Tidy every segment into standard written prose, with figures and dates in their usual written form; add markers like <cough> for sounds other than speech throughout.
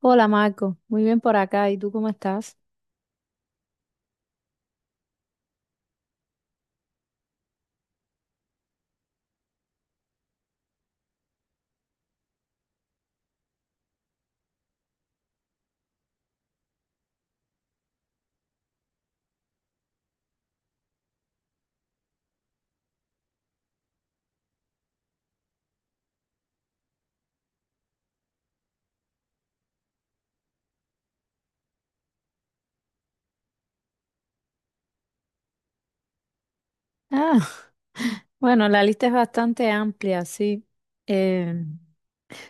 Hola Marco, muy bien por acá. ¿Y tú cómo estás? Ah, bueno, la lista es bastante amplia, sí. Eh,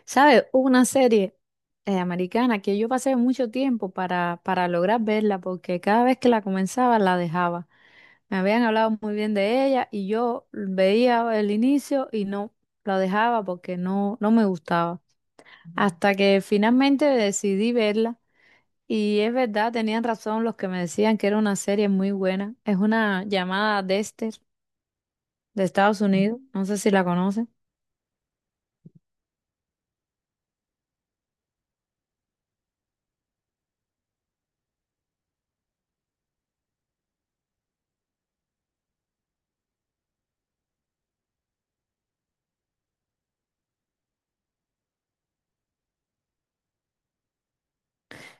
¿Sabes? Hubo una serie americana que yo pasé mucho tiempo para lograr verla porque cada vez que la comenzaba la dejaba. Me habían hablado muy bien de ella y yo veía el inicio y no la dejaba porque no me gustaba. Hasta que finalmente decidí verla. Y es verdad, tenían razón los que me decían que era una serie muy buena. Es una llamada Dexter, de Estados Unidos, no sé si la conoce.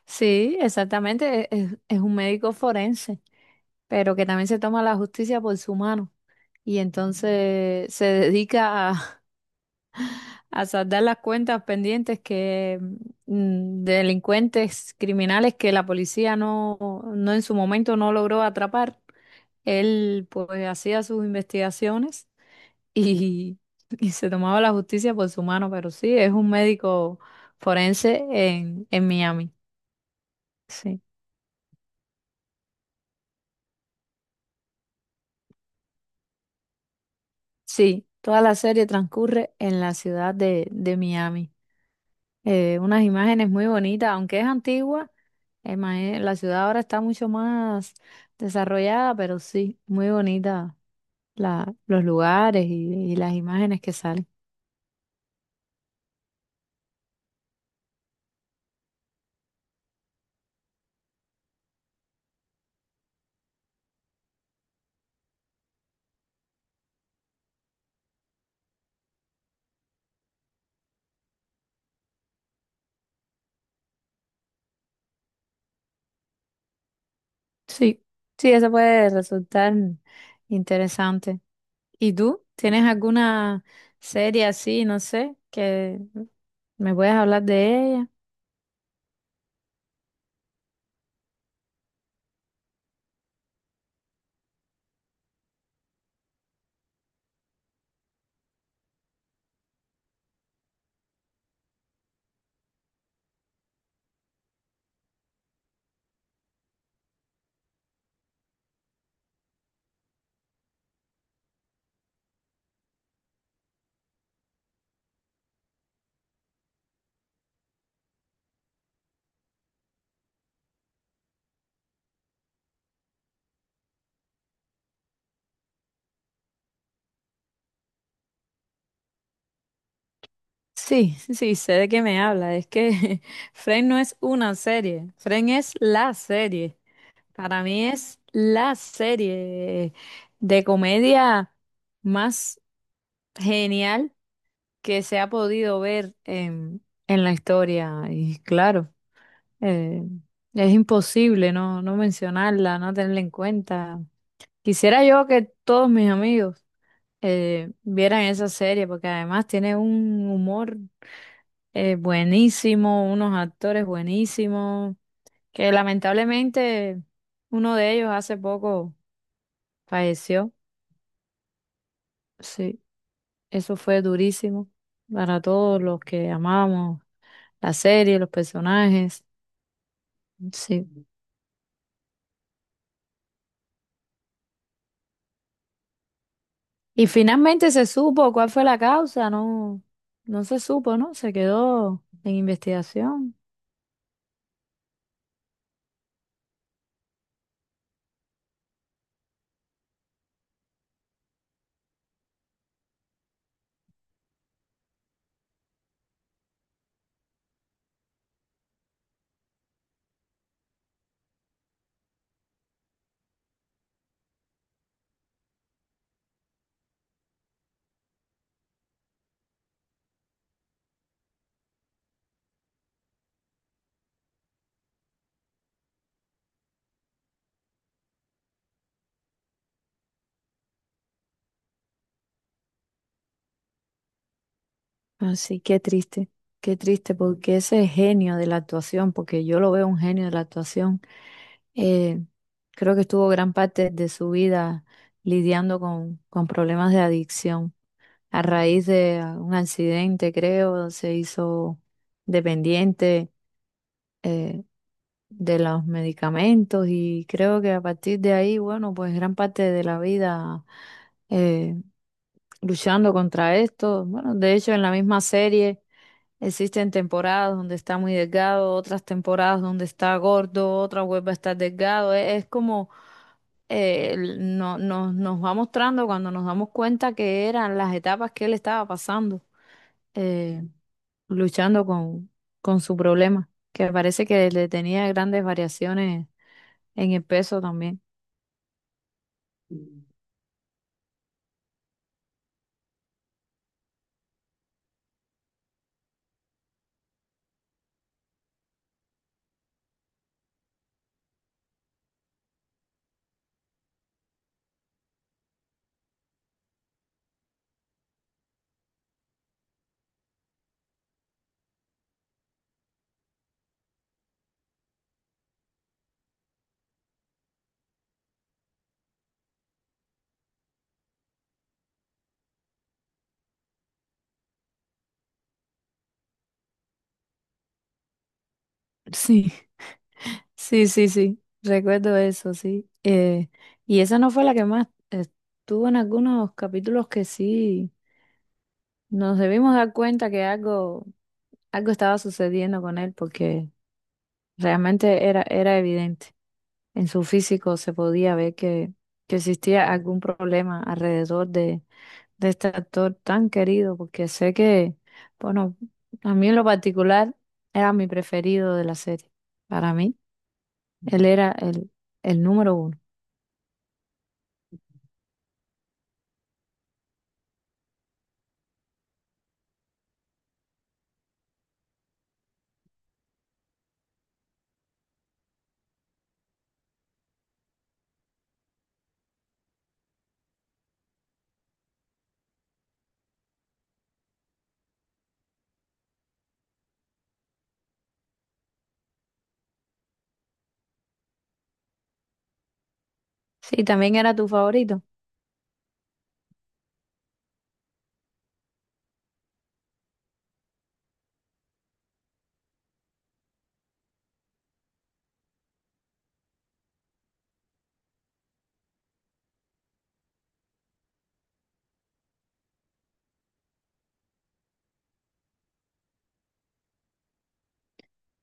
Sí, exactamente, es un médico forense, pero que también se toma la justicia por su mano y entonces se dedica a, <laughs> a saldar las cuentas pendientes que de delincuentes criminales que la policía no en su momento no logró atrapar. Él pues hacía sus investigaciones y, <laughs> y se tomaba la justicia por su mano, pero sí, es un médico forense en Miami. Sí, sí, toda la serie transcurre en la ciudad de Miami. Unas imágenes muy bonitas, aunque es antigua, la ciudad ahora está mucho más desarrollada, pero sí, muy bonita la, los lugares y las imágenes que salen. Sí, sí, eso puede resultar interesante. ¿Y tú? ¿Tienes alguna serie así, no sé, que me puedas hablar de ella? Sí, sí, sé de qué me habla. Es que <laughs> Friends no es una serie, Friends es la serie. Para mí es la serie de comedia más genial que se ha podido ver en la historia. Y claro, eh, es imposible no mencionarla, no tenerla en cuenta. Quisiera yo que todos mis amigos vieran esa serie porque además tiene un humor. Buenísimo, unos actores buenísimos, que lamentablemente uno de ellos hace poco falleció. Sí, eso fue durísimo para todos los que amamos la serie, los personajes. Sí. Y finalmente se supo cuál fue la causa, no, no se supo, ¿no? Se quedó en investigación. Así que triste, qué triste, porque ese genio de la actuación, porque yo lo veo un genio de la actuación, eh, creo que estuvo gran parte de su vida lidiando con problemas de adicción. A raíz de ah, un accidente, creo, se hizo dependiente eh, de los medicamentos y creo que a partir de ahí, bueno, pues gran parte de la vida eh, luchando contra esto. Bueno, de hecho, en la misma serie existen temporadas donde está muy delgado, otras temporadas donde está gordo, otra vuelve a estar delgado. Es como nos va mostrando cuando nos damos cuenta que eran las etapas que él estaba pasando, eh, luchando con su problema, que parece que le tenía grandes variaciones en el peso también. <laughs> Sí, sí, recuerdo eso, sí. Y esa no fue la que más eh, estuvo en algunos capítulos que sí. Nos debimos dar cuenta que algo, algo estaba sucediendo con él porque realmente era, era evidente. En su físico se podía ver que existía algún problema alrededor de este actor tan querido, porque sé que, bueno, a mí en lo particular era mi preferido de la serie. Para mí, él era el número uno. Sí, también era tu favorito.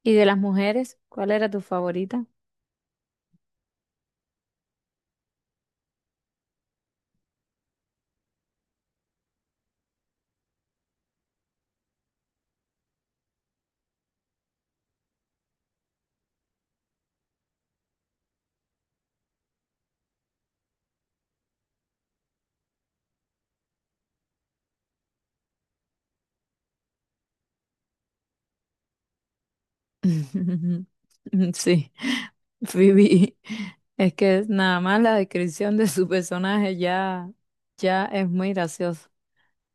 ¿Y de las mujeres, cuál era tu favorita? <laughs> Sí. <laughs> Phoebe, es que nada más la descripción de su personaje ya, ya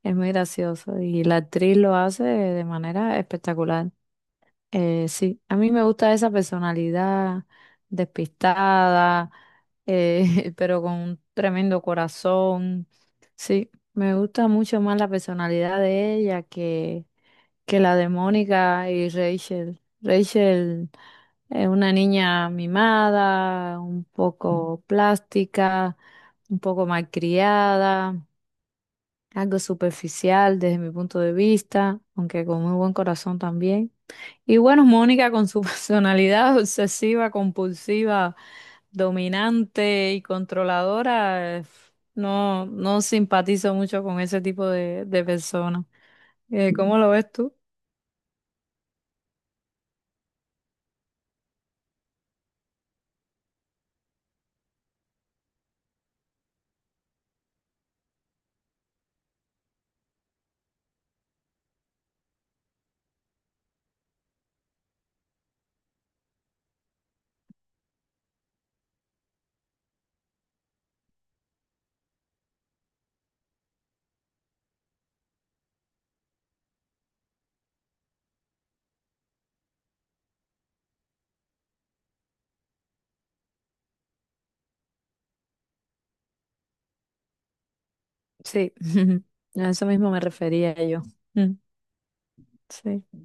es muy gracioso y la actriz lo hace de manera espectacular. Sí, a mí me gusta esa personalidad despistada, <laughs> pero con un tremendo corazón. Sí, me gusta mucho más la personalidad de ella que la de Mónica y Rachel. Rachel una niña mimada, un poco plástica, un poco malcriada, algo superficial desde mi punto de vista, aunque con muy buen corazón también. Y bueno, <laughs> Mónica con su <laughs> personalidad obsesiva, compulsiva, dominante y controladora, no simpatizo mucho con ese tipo de personas. ¿Cómo lo ves tú? Sí, <laughs> a eso mismo me refería yo. Mm, sí.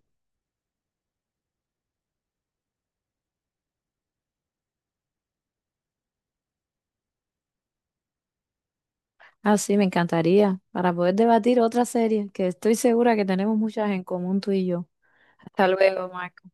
Ah, sí, me encantaría, para poder debatir otra serie, que estoy segura que tenemos muchas en común tú y yo. Hasta luego, Marco.